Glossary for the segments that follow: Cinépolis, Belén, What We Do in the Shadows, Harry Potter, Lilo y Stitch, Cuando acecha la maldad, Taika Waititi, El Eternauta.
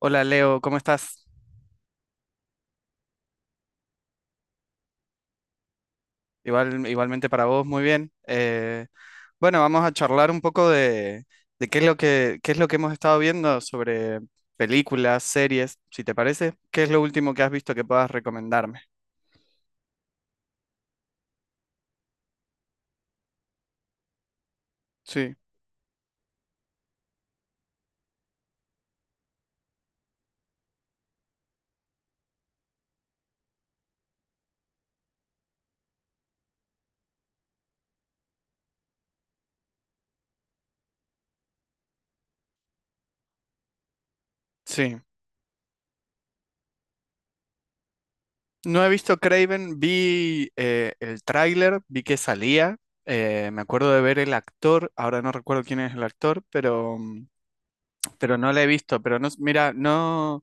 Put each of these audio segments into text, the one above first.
Hola Leo, ¿cómo estás? Igual, igualmente para vos, muy bien. Bueno, vamos a charlar un poco de qué es lo qué es lo que hemos estado viendo sobre películas, series, si te parece. ¿Qué es lo último que has visto que puedas recomendarme? Sí, sí. No he visto Craven, vi el tráiler, vi que salía. Eh, me acuerdo de ver el actor, ahora no recuerdo quién es el actor, pero no la he visto. Pero no, mira, no.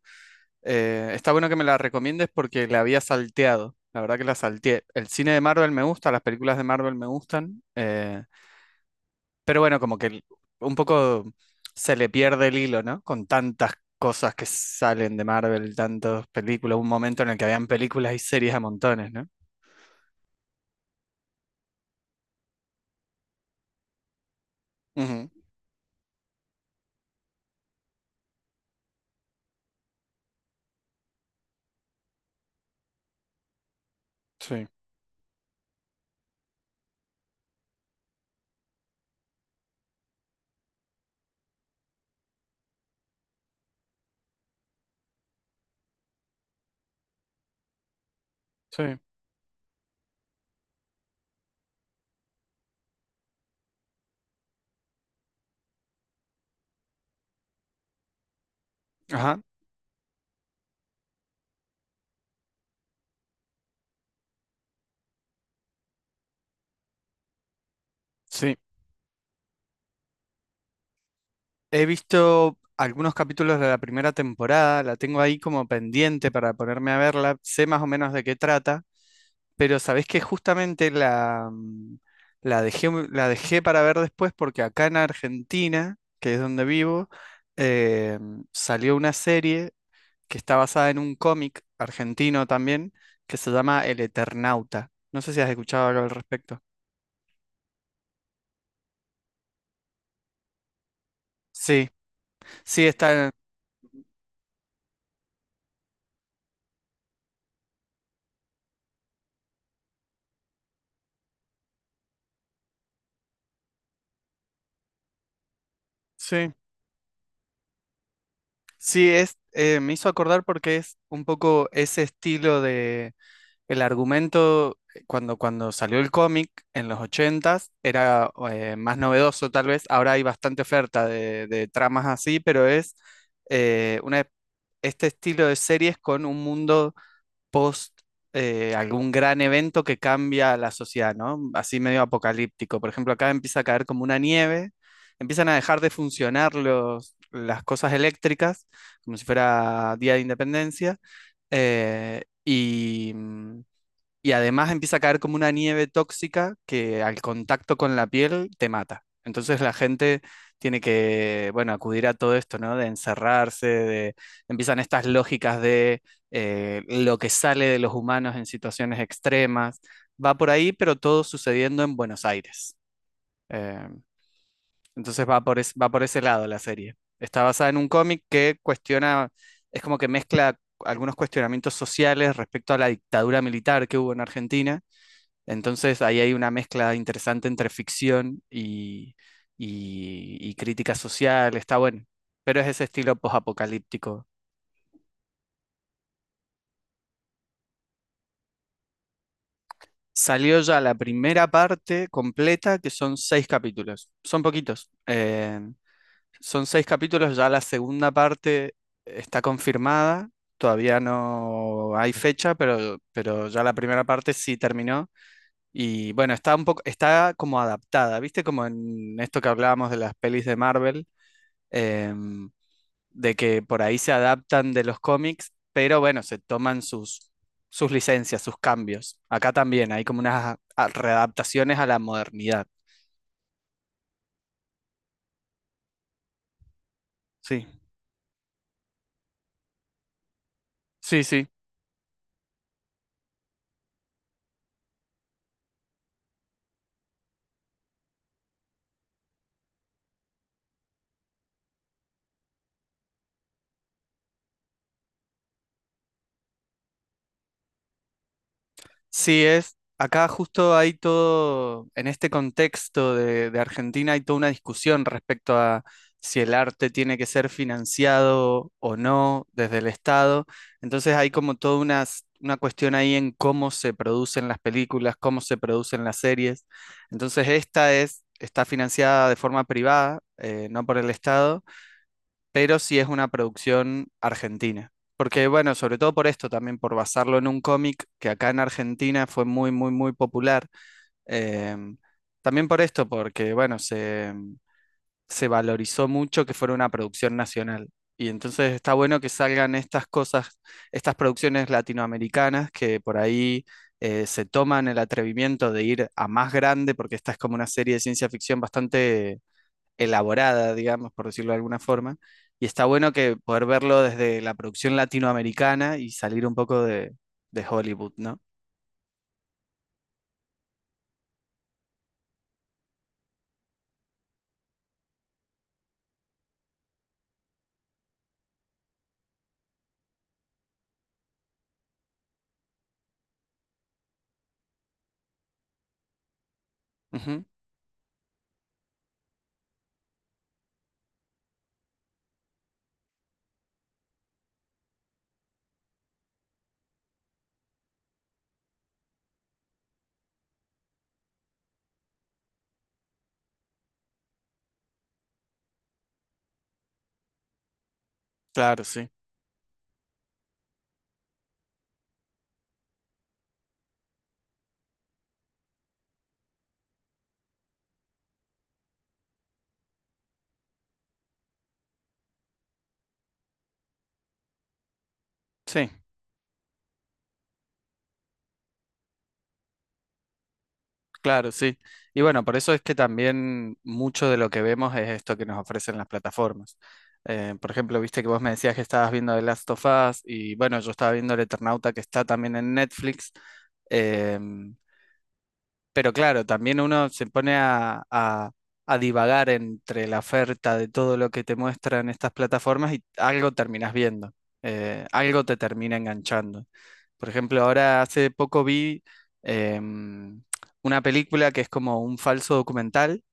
Está bueno que me la recomiendes porque la había salteado. La verdad que la salteé. El cine de Marvel me gusta, las películas de Marvel me gustan. Pero bueno, como que un poco se le pierde el hilo, ¿no? Con tantas cosas que salen de Marvel, tantas películas. Un momento en el que habían películas y series a montones, ¿no? Ujú. Sí, sí. Ajá, sí. He visto algunos capítulos de la primera temporada, la tengo ahí como pendiente para ponerme a verla. Sé más o menos de qué trata. Pero sabés que justamente la dejé, la dejé para ver después porque acá en Argentina, que es donde vivo, eh, salió una serie que está basada en un cómic argentino también, que se llama El Eternauta. No sé si has escuchado algo al respecto. Sí, sí, está. Sí, me hizo acordar porque es un poco ese estilo de... El argumento, cuando salió el cómic en los ochentas era más novedoso tal vez. Ahora hay bastante oferta de tramas así, pero es eh, una, este estilo de series con un mundo post algún gran evento que cambia la sociedad, ¿no? Así medio apocalíptico. Por ejemplo, acá empieza a caer como una nieve, empiezan a dejar de funcionar las cosas eléctricas, como si fuera Día de Independencia. eh, y, mm, y además empieza a caer como una nieve tóxica que al contacto con la piel te mata. Entonces la gente tiene que, bueno, acudir a todo esto, ¿no? De encerrarse, de... empiezan estas lógicas de lo que sale de los humanos en situaciones extremas. Va por ahí, pero todo sucediendo en Buenos Aires. Eh, entonces va va por ese lado la serie. Está basada en un cómic que cuestiona, es como que mezcla algunos cuestionamientos sociales respecto a la dictadura militar que hubo en Argentina, entonces ahí hay una mezcla interesante entre ficción y crítica social, está bueno, pero es ese estilo posapocalíptico. Salió ya la primera parte completa, que son seis capítulos, son poquitos, son seis capítulos, ya la segunda parte está confirmada, todavía no hay fecha, pero ya la primera parte sí terminó. Y bueno, está un poco, está como adaptada, ¿viste? Como en esto que hablábamos de las pelis de Marvel, em, de que por ahí se adaptan de los cómics, pero bueno, se toman sus licencias, sus cambios. Acá también hay como unas readaptaciones a la modernidad. Sí, sí, sí. Sí, es, acá justo hay todo, en este contexto de Argentina hay toda una discusión respecto a si el arte tiene que ser financiado o no desde el Estado. Entonces hay como toda una cuestión ahí en cómo se producen las películas, cómo se producen las series. Entonces esta es, está financiada de forma privada, no por el Estado, pero sí es una producción argentina. Porque, bueno, sobre todo por esto, también por basarlo en un cómic que acá en Argentina fue muy, muy, muy popular. Em, también por esto, porque, bueno, se valorizó mucho que fuera una producción nacional. Y entonces está bueno que salgan estas cosas, estas producciones latinoamericanas que por ahí se toman el atrevimiento de ir a más grande, porque esta es como una serie de ciencia ficción bastante elaborada, digamos, por decirlo de alguna forma. Y está bueno que poder verlo desde la producción latinoamericana y salir un poco de Hollywood, ¿no? Ujú. Claro, sí. Sí, claro, sí. Y bueno, por eso es que también mucho de lo que vemos es esto que nos ofrecen las plataformas. Por ejemplo, viste que vos me decías que estabas viendo The Last of Us y bueno, yo estaba viendo El Eternauta que está también en Netflix. Em, pero claro, también uno se pone a divagar entre la oferta de todo lo que te muestran estas plataformas y algo terminas viendo, algo te termina enganchando. Por ejemplo, ahora hace poco vi em, una película que es como un falso documental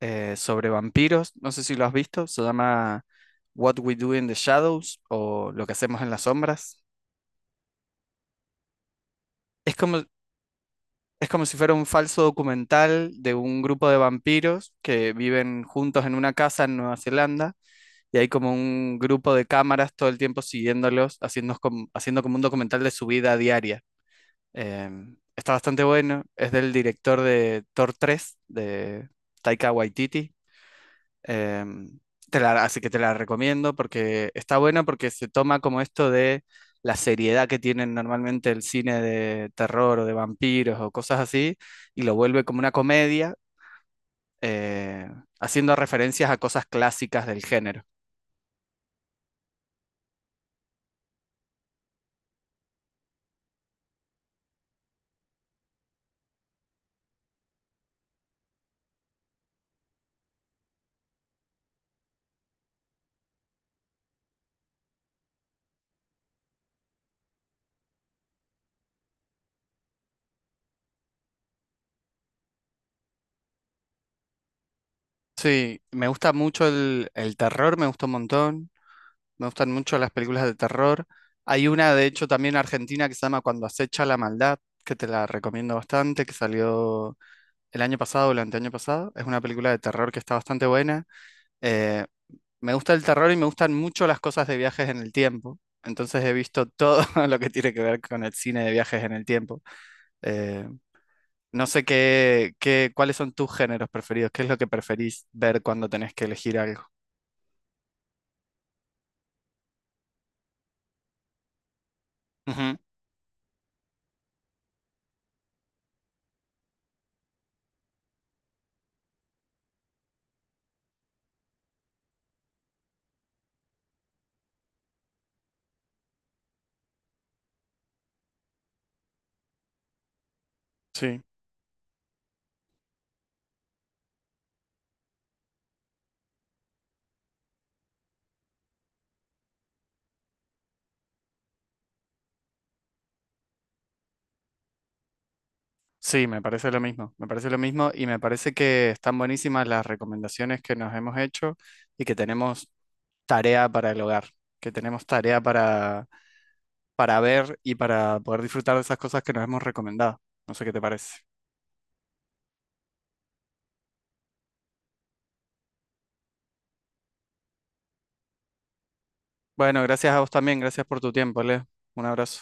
sobre vampiros, no sé si lo has visto, se llama What We Do in the Shadows o Lo que hacemos en las sombras. Es como... es como si fuera un falso documental de un grupo de vampiros que viven juntos en una casa en Nueva Zelanda y hay como un grupo de cámaras todo el tiempo siguiéndolos, haciendo como un documental de su vida diaria. Em, está bastante bueno, es del director de Thor 3, de Taika Waititi. Em, Así que te la recomiendo porque está buena porque se toma como esto de la seriedad que tienen normalmente el cine de terror o de vampiros o cosas así y lo vuelve como una comedia, eh, haciendo referencias a cosas clásicas del género. Sí, me gusta mucho el terror, me gusta un montón, me gustan mucho las películas de terror. Hay una, de hecho, también argentina que se llama Cuando acecha la maldad, que te la recomiendo bastante, que salió el año pasado o el anteaño pasado. Es una película de terror que está bastante buena. Eh, Me gusta el terror y me gustan mucho las cosas de viajes en el tiempo. Entonces he visto todo lo que tiene que ver con el cine de viajes en el tiempo. Eh, no sé cuáles son tus géneros preferidos, qué es lo que preferís ver cuando tenés que elegir algo. Ujú. Sí, sí, me parece lo mismo, me parece lo mismo y me parece que están buenísimas las recomendaciones que nos hemos hecho y que tenemos tarea para el hogar, que tenemos tarea para ver y para poder disfrutar de esas cosas que nos hemos recomendado. No sé qué te parece. Bueno, gracias a vos también, gracias por tu tiempo, Leo. Un abrazo.